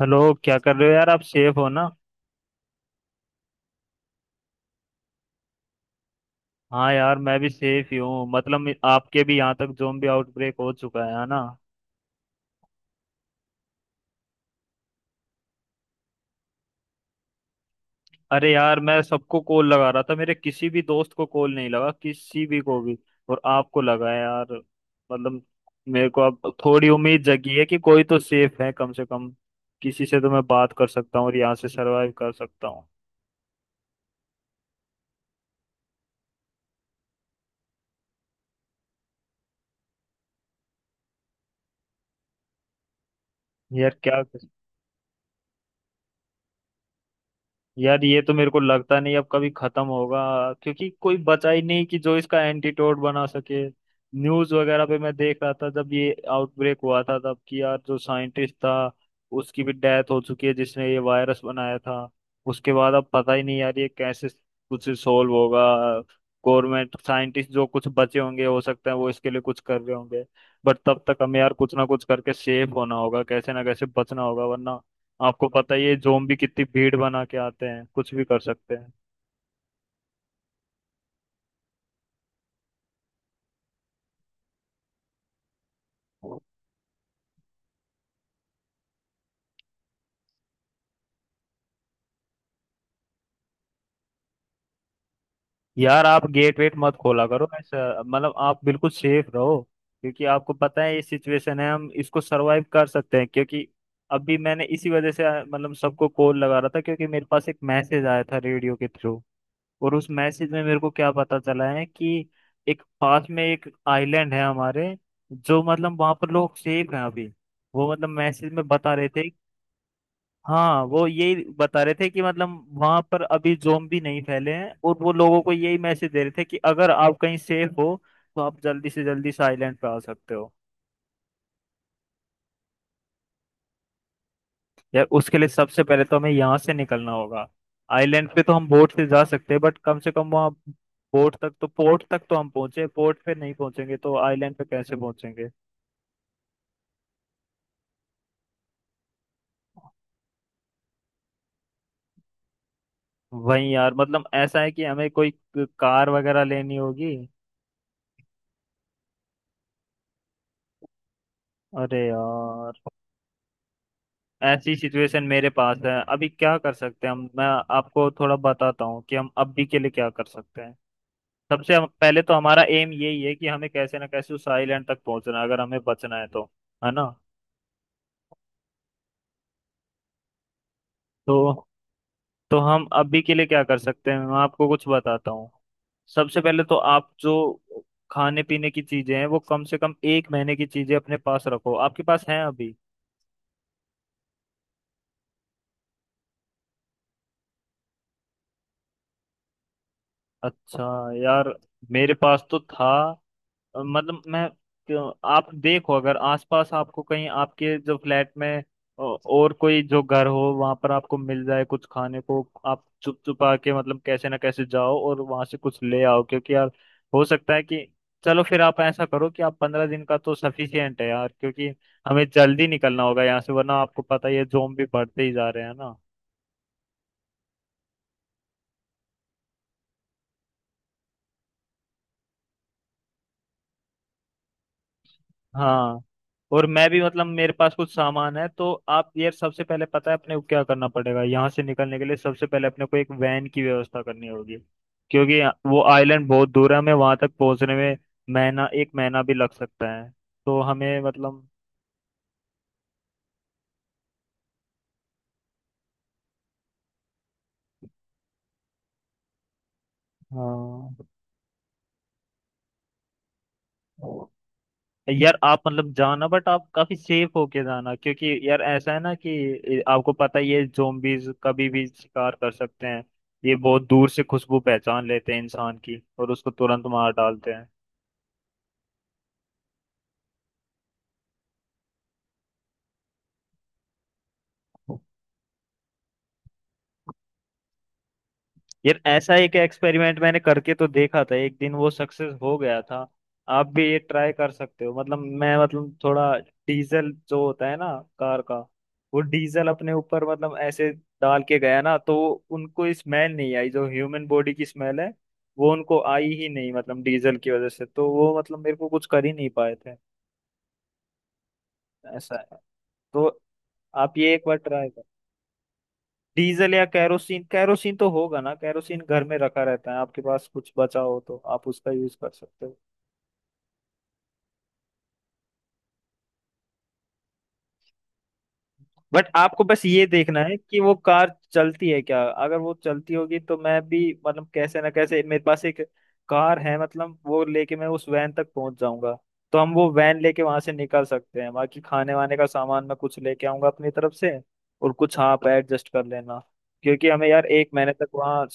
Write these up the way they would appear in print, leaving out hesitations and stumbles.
Hello, क्या कर रहे हो यार। आप सेफ हो ना। हाँ यार, मैं भी सेफ ही हूँ। मतलब आपके भी यहाँ तक ज़ोंबी आउटब्रेक हो चुका है ना। अरे यार, मैं सबको कॉल लगा रहा था, मेरे किसी भी दोस्त को कॉल नहीं लगा, किसी भी को भी। और आपको लगा है यार। मतलब मेरे को अब थोड़ी उम्मीद जगी है कि कोई तो सेफ है कम से कम। किसी से तो मैं बात कर सकता हूँ और यहाँ से सरवाइव कर सकता हूँ। यार क्या। यार ये तो मेरे को लगता नहीं अब कभी खत्म होगा, क्योंकि कोई बचा ही नहीं कि जो इसका एंटीटोड बना सके। न्यूज वगैरह पे मैं देख रहा था जब ये आउटब्रेक हुआ था तब, कि यार जो साइंटिस्ट था उसकी भी डेथ हो चुकी है, जिसने ये वायरस बनाया था। उसके बाद अब पता ही नहीं यार ये कैसे कुछ सोल्व होगा। गवर्नमेंट साइंटिस्ट जो कुछ बचे होंगे, हो सकता है वो इसके लिए कुछ कर रहे होंगे। बट तब तक हमें यार कुछ ना कुछ करके सेफ होना होगा, कैसे ना कैसे बचना होगा वरना। आपको पता ही है जोम्बी कितनी भीड़ बना के आते हैं, कुछ भी कर सकते हैं। यार, आप गेट वेट मत खोला करो ऐसा। मतलब आप बिल्कुल सेफ रहो, क्योंकि आपको पता है ये सिचुएशन है। हम इसको सरवाइव कर सकते हैं क्योंकि अभी मैंने इसी वजह से मतलब सबको कॉल लगा रहा था, क्योंकि मेरे पास एक मैसेज आया था रेडियो के थ्रू। और उस मैसेज में मेरे को क्या पता चला है कि एक पास में एक आइलैंड है हमारे, जो मतलब वहां पर लोग सेफ हैं अभी। वो मतलब मैसेज में बता रहे थे। हाँ, वो यही बता रहे थे कि मतलब वहां पर अभी ज़ोंबी नहीं फैले हैं, और वो लोगों को यही मैसेज दे रहे थे कि अगर आप कहीं सेफ हो तो आप जल्दी से आइलैंड पे आ सकते हो। यार, उसके लिए सबसे पहले तो हमें यहाँ से निकलना होगा। आइलैंड पे तो हम बोट से जा सकते हैं, बट कम से कम वहाँ बोट तक तो, पोर्ट तक तो हम पहुंचे। पोर्ट पे नहीं पहुंचेंगे तो आइलैंड पे कैसे पहुंचेंगे। वही यार, मतलब ऐसा है कि हमें कोई कार वगैरह लेनी होगी। अरे यार, ऐसी सिचुएशन मेरे पास है अभी। क्या कर सकते हैं हम। मैं आपको थोड़ा बताता हूँ कि हम अभी के लिए क्या कर सकते हैं। सबसे पहले तो हमारा एम यही है कि हमें कैसे ना कैसे उस आइलैंड तक पहुंचना है, अगर हमें बचना है तो। है ना। तो तो हम अभी के लिए क्या कर सकते हैं मैं आपको कुछ बताता हूँ। सबसे पहले तो आप जो खाने पीने की चीजें हैं वो कम से कम एक महीने की चीजें अपने पास रखो। आपके पास हैं अभी। अच्छा। यार मेरे पास तो था। मतलब मैं, आप देखो अगर आसपास आपको कहीं आपके जो फ्लैट में और कोई जो घर हो, वहां पर आपको मिल जाए कुछ खाने को, आप चुप चुपा के मतलब कैसे ना कैसे जाओ और वहां से कुछ ले आओ, क्योंकि यार हो सकता है कि, चलो फिर आप ऐसा करो कि आप 15 दिन का तो सफिशियंट है यार, क्योंकि हमें जल्दी निकलना होगा यहाँ से वरना आपको पता ही है जोम्बी बढ़ते ही जा रहे हैं ना। हाँ। और मैं भी, मतलब मेरे पास कुछ सामान है। तो आप ये सबसे पहले पता है अपने को क्या करना पड़ेगा यहाँ से निकलने के लिए। सबसे पहले अपने को एक वैन की व्यवस्था करनी होगी, क्योंकि वो आइलैंड बहुत दूर है। हमें वहां तक पहुंचने में महीना, एक महीना भी लग सकता है। तो हमें मतलब, हाँ यार आप मतलब जाना, बट आप काफी सेफ होके जाना, क्योंकि यार ऐसा है ना कि आपको पता है ये जोम्बीज कभी भी शिकार कर सकते हैं। ये बहुत दूर से खुशबू पहचान लेते हैं इंसान की और उसको तुरंत मार डालते हैं। यार, ऐसा एक एक्सपेरिमेंट मैंने करके तो देखा था, एक दिन वो सक्सेस हो गया था। आप भी ये ट्राई कर सकते हो। मतलब मैं, मतलब थोड़ा डीजल जो होता है ना कार का, वो डीजल अपने ऊपर मतलब ऐसे डाल के गया ना, तो उनको स्मेल नहीं आई जो ह्यूमन बॉडी की स्मेल है, वो उनको आई ही नहीं। मतलब डीजल की वजह से तो वो मतलब मेरे को कुछ कर ही नहीं पाए थे। ऐसा है। तो आप ये एक बार ट्राई। डीजल या कैरोसिन कैरोसिन तो होगा ना, कैरोसिन घर में रखा रहता है, आपके पास कुछ बचा हो तो आप उसका यूज कर सकते हो। बट आपको बस ये देखना है कि वो कार चलती है क्या। अगर वो चलती होगी तो मैं भी मतलब कैसे ना कैसे, मेरे पास एक कार है, मतलब वो लेके मैं उस वैन तक पहुंच जाऊंगा। तो हम वो वैन लेके वहां से निकल सकते हैं। बाकी खाने वाने का सामान मैं कुछ लेके आऊंगा अपनी तरफ से, और कुछ हाँ आप एडजस्ट कर लेना, क्योंकि हमें यार एक महीने तक वहाँ।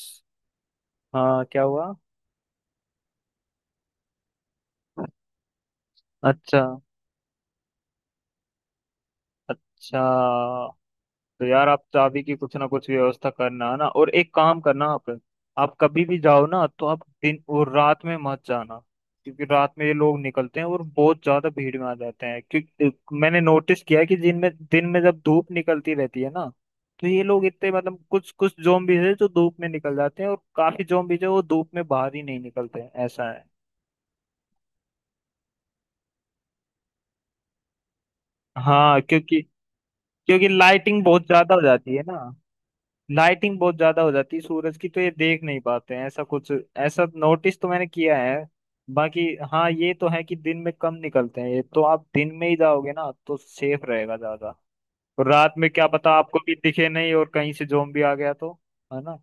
हाँ क्या हुआ। अच्छा। अच्छा, तो यार आप चाबी की कुछ ना कुछ व्यवस्था करना है ना। और एक काम करना आप कभी भी जाओ ना तो आप दिन और रात में मत जाना, क्योंकि रात में ये लोग निकलते हैं और बहुत ज्यादा भीड़ में आ जाते हैं। क्योंकि मैंने नोटिस किया है कि दिन में जब धूप निकलती रहती है ना, तो ये लोग इतने मतलब कुछ कुछ जोम्बीज है जो धूप में निकल जाते हैं, और काफी जोम्बीज है वो धूप में बाहर ही नहीं निकलते हैं। ऐसा है। हाँ, क्योंकि क्योंकि लाइटिंग बहुत ज्यादा हो जाती है ना। लाइटिंग बहुत ज्यादा हो जाती है सूरज की, तो ये देख नहीं पाते हैं ऐसा कुछ। ऐसा नोटिस तो मैंने किया है बाकी। हाँ ये तो है कि दिन में कम निकलते हैं, ये तो आप दिन में ही जाओगे ना तो सेफ रहेगा ज्यादा। और रात में क्या पता आपको भी दिखे नहीं, और कहीं से जोम्बी आ गया तो। है ना।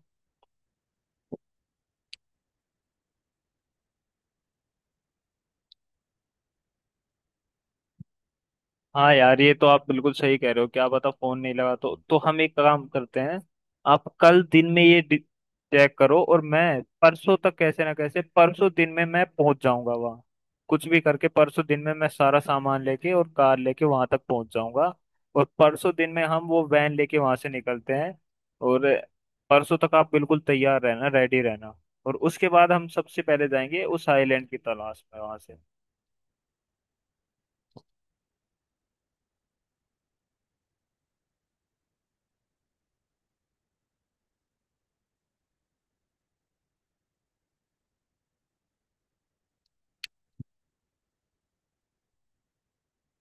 हाँ यार, ये तो आप बिल्कुल सही कह रहे हो। क्या पता फोन नहीं लगा तो हम एक काम करते हैं, आप कल दिन में ये चेक करो, और मैं परसों तक कैसे ना कैसे परसों दिन में मैं पहुंच जाऊंगा वहाँ। कुछ भी करके परसों दिन में मैं सारा सामान लेके और कार लेके वहां तक पहुंच जाऊंगा। और परसों दिन में हम वो वैन लेके वहां से निकलते हैं। और परसों तक आप बिल्कुल तैयार रहना, रेडी रहना। और उसके बाद हम सबसे पहले जाएंगे उस आइलैंड की तलाश में वहां से।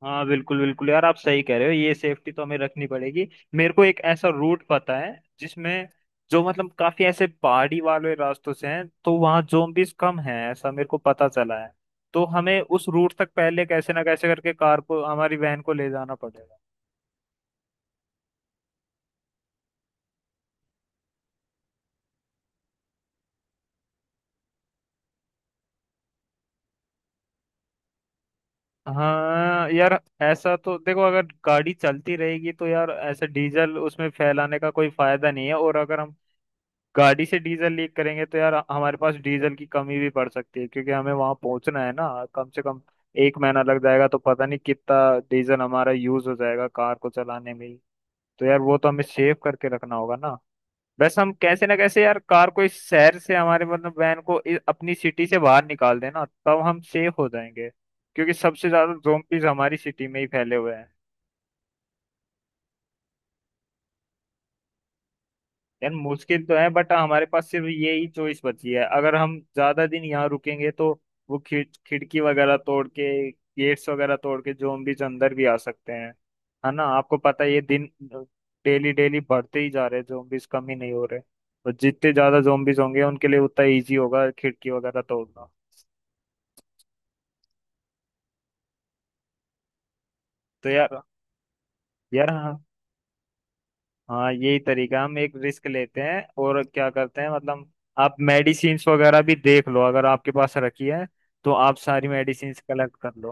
हाँ बिल्कुल बिल्कुल यार आप सही कह रहे हो, ये सेफ्टी तो हमें रखनी पड़ेगी। मेरे को एक ऐसा रूट पता है जिसमें, जो मतलब काफी ऐसे पहाड़ी वाले रास्तों से हैं, तो वहाँ जोम्बिस कम हैं ऐसा मेरे को पता चला है। तो हमें उस रूट तक पहले कैसे ना कैसे करके कार को, हमारी वैन को ले जाना पड़ेगा। हाँ यार, ऐसा तो देखो, अगर गाड़ी चलती रहेगी तो यार ऐसे डीजल उसमें फैलाने का कोई फायदा नहीं है। और अगर हम गाड़ी से डीजल लीक करेंगे तो यार हमारे पास डीजल की कमी भी पड़ सकती है, क्योंकि हमें वहां पहुंचना है ना। कम से कम एक महीना लग जाएगा, तो पता नहीं कितना डीजल हमारा यूज हो जाएगा कार को चलाने में ही। तो यार, वो तो हमें सेव करके रखना होगा ना। बस हम कैसे ना कैसे यार कार को इस शहर से, हमारे मतलब वैन को अपनी सिटी से बाहर निकाल देना, तब हम सेफ हो जाएंगे, क्योंकि सबसे ज्यादा जोम्बीज हमारी सिटी में ही फैले हुए हैं। यार मुश्किल तो है, बट हमारे पास सिर्फ यही चॉइस बची है। अगर हम ज्यादा दिन यहाँ रुकेंगे तो वो खिड़की वगैरह तोड़ के, गेट्स वगैरह तोड़ के zombies अंदर भी आ सकते हैं। है ना, आपको पता है ये दिन डेली डेली बढ़ते ही जा रहे हैं, zombies कम ही नहीं हो रहे। और जितने ज्यादा zombies होंगे उनके लिए उतना इजी होगा खिड़की वगैरह तोड़ना। तो यार, यार हाँ, हाँ यही तरीका। हम एक रिस्क लेते हैं और क्या करते हैं मतलब। आप मेडिसिन्स वगैरह भी देख लो, अगर आपके पास रखी है तो आप सारी मेडिसिन्स कलेक्ट कर लो।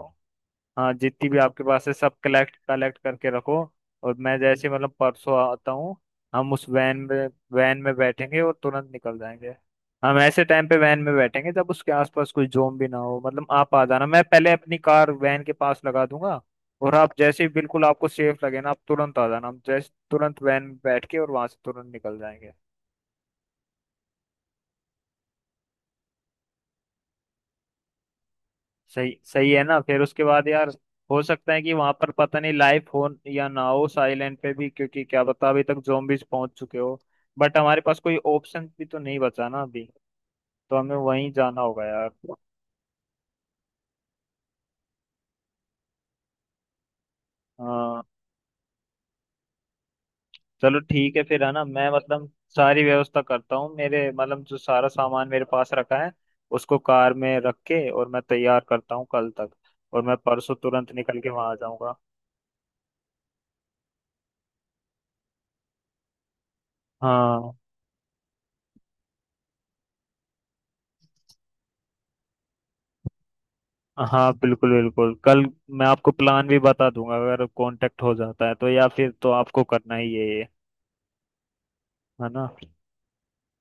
हाँ, जितनी भी आपके पास है सब कलेक्ट कलेक्ट करके रखो। और मैं जैसे मतलब परसों आता हूँ, हम उस वैन में बैठेंगे और तुरंत निकल जाएंगे। हम ऐसे टाइम पे वैन में बैठेंगे जब उसके आसपास कोई जोम भी ना हो। मतलब आप आ जाना, मैं पहले अपनी कार वैन के पास लगा दूंगा, और आप जैसे ही बिल्कुल आपको सेफ लगे ना आप तुरंत आ जाना, हम जैसे तुरंत वैन में बैठ के और वहां से तुरंत निकल जाएंगे। सही, सही है ना। फिर उसके बाद यार हो सकता है कि वहां पर पता नहीं लाइफ हो या ना हो साइलेंट पे भी, क्योंकि क्या पता अभी तक zombies पहुंच चुके हो। बट हमारे पास कोई ऑप्शन भी तो नहीं बचा ना अभी, तो हमें वहीं जाना होगा यार। हाँ। चलो ठीक है फिर, है ना। मैं मतलब सारी व्यवस्था करता हूँ, मेरे मतलब जो सारा सामान मेरे पास रखा है उसको कार में रख के, और मैं तैयार करता हूँ कल तक। और मैं परसों तुरंत निकल के वहां आ जाऊंगा। हाँ। हाँ बिल्कुल बिल्कुल, कल मैं आपको प्लान भी बता दूंगा अगर कांटेक्ट हो जाता है तो, या फिर तो आपको करना ही है ये। है ना।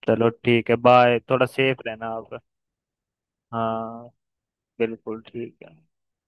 चलो ठीक है, बाय। थोड़ा सेफ रहना आप। हाँ, बिल्कुल ठीक है।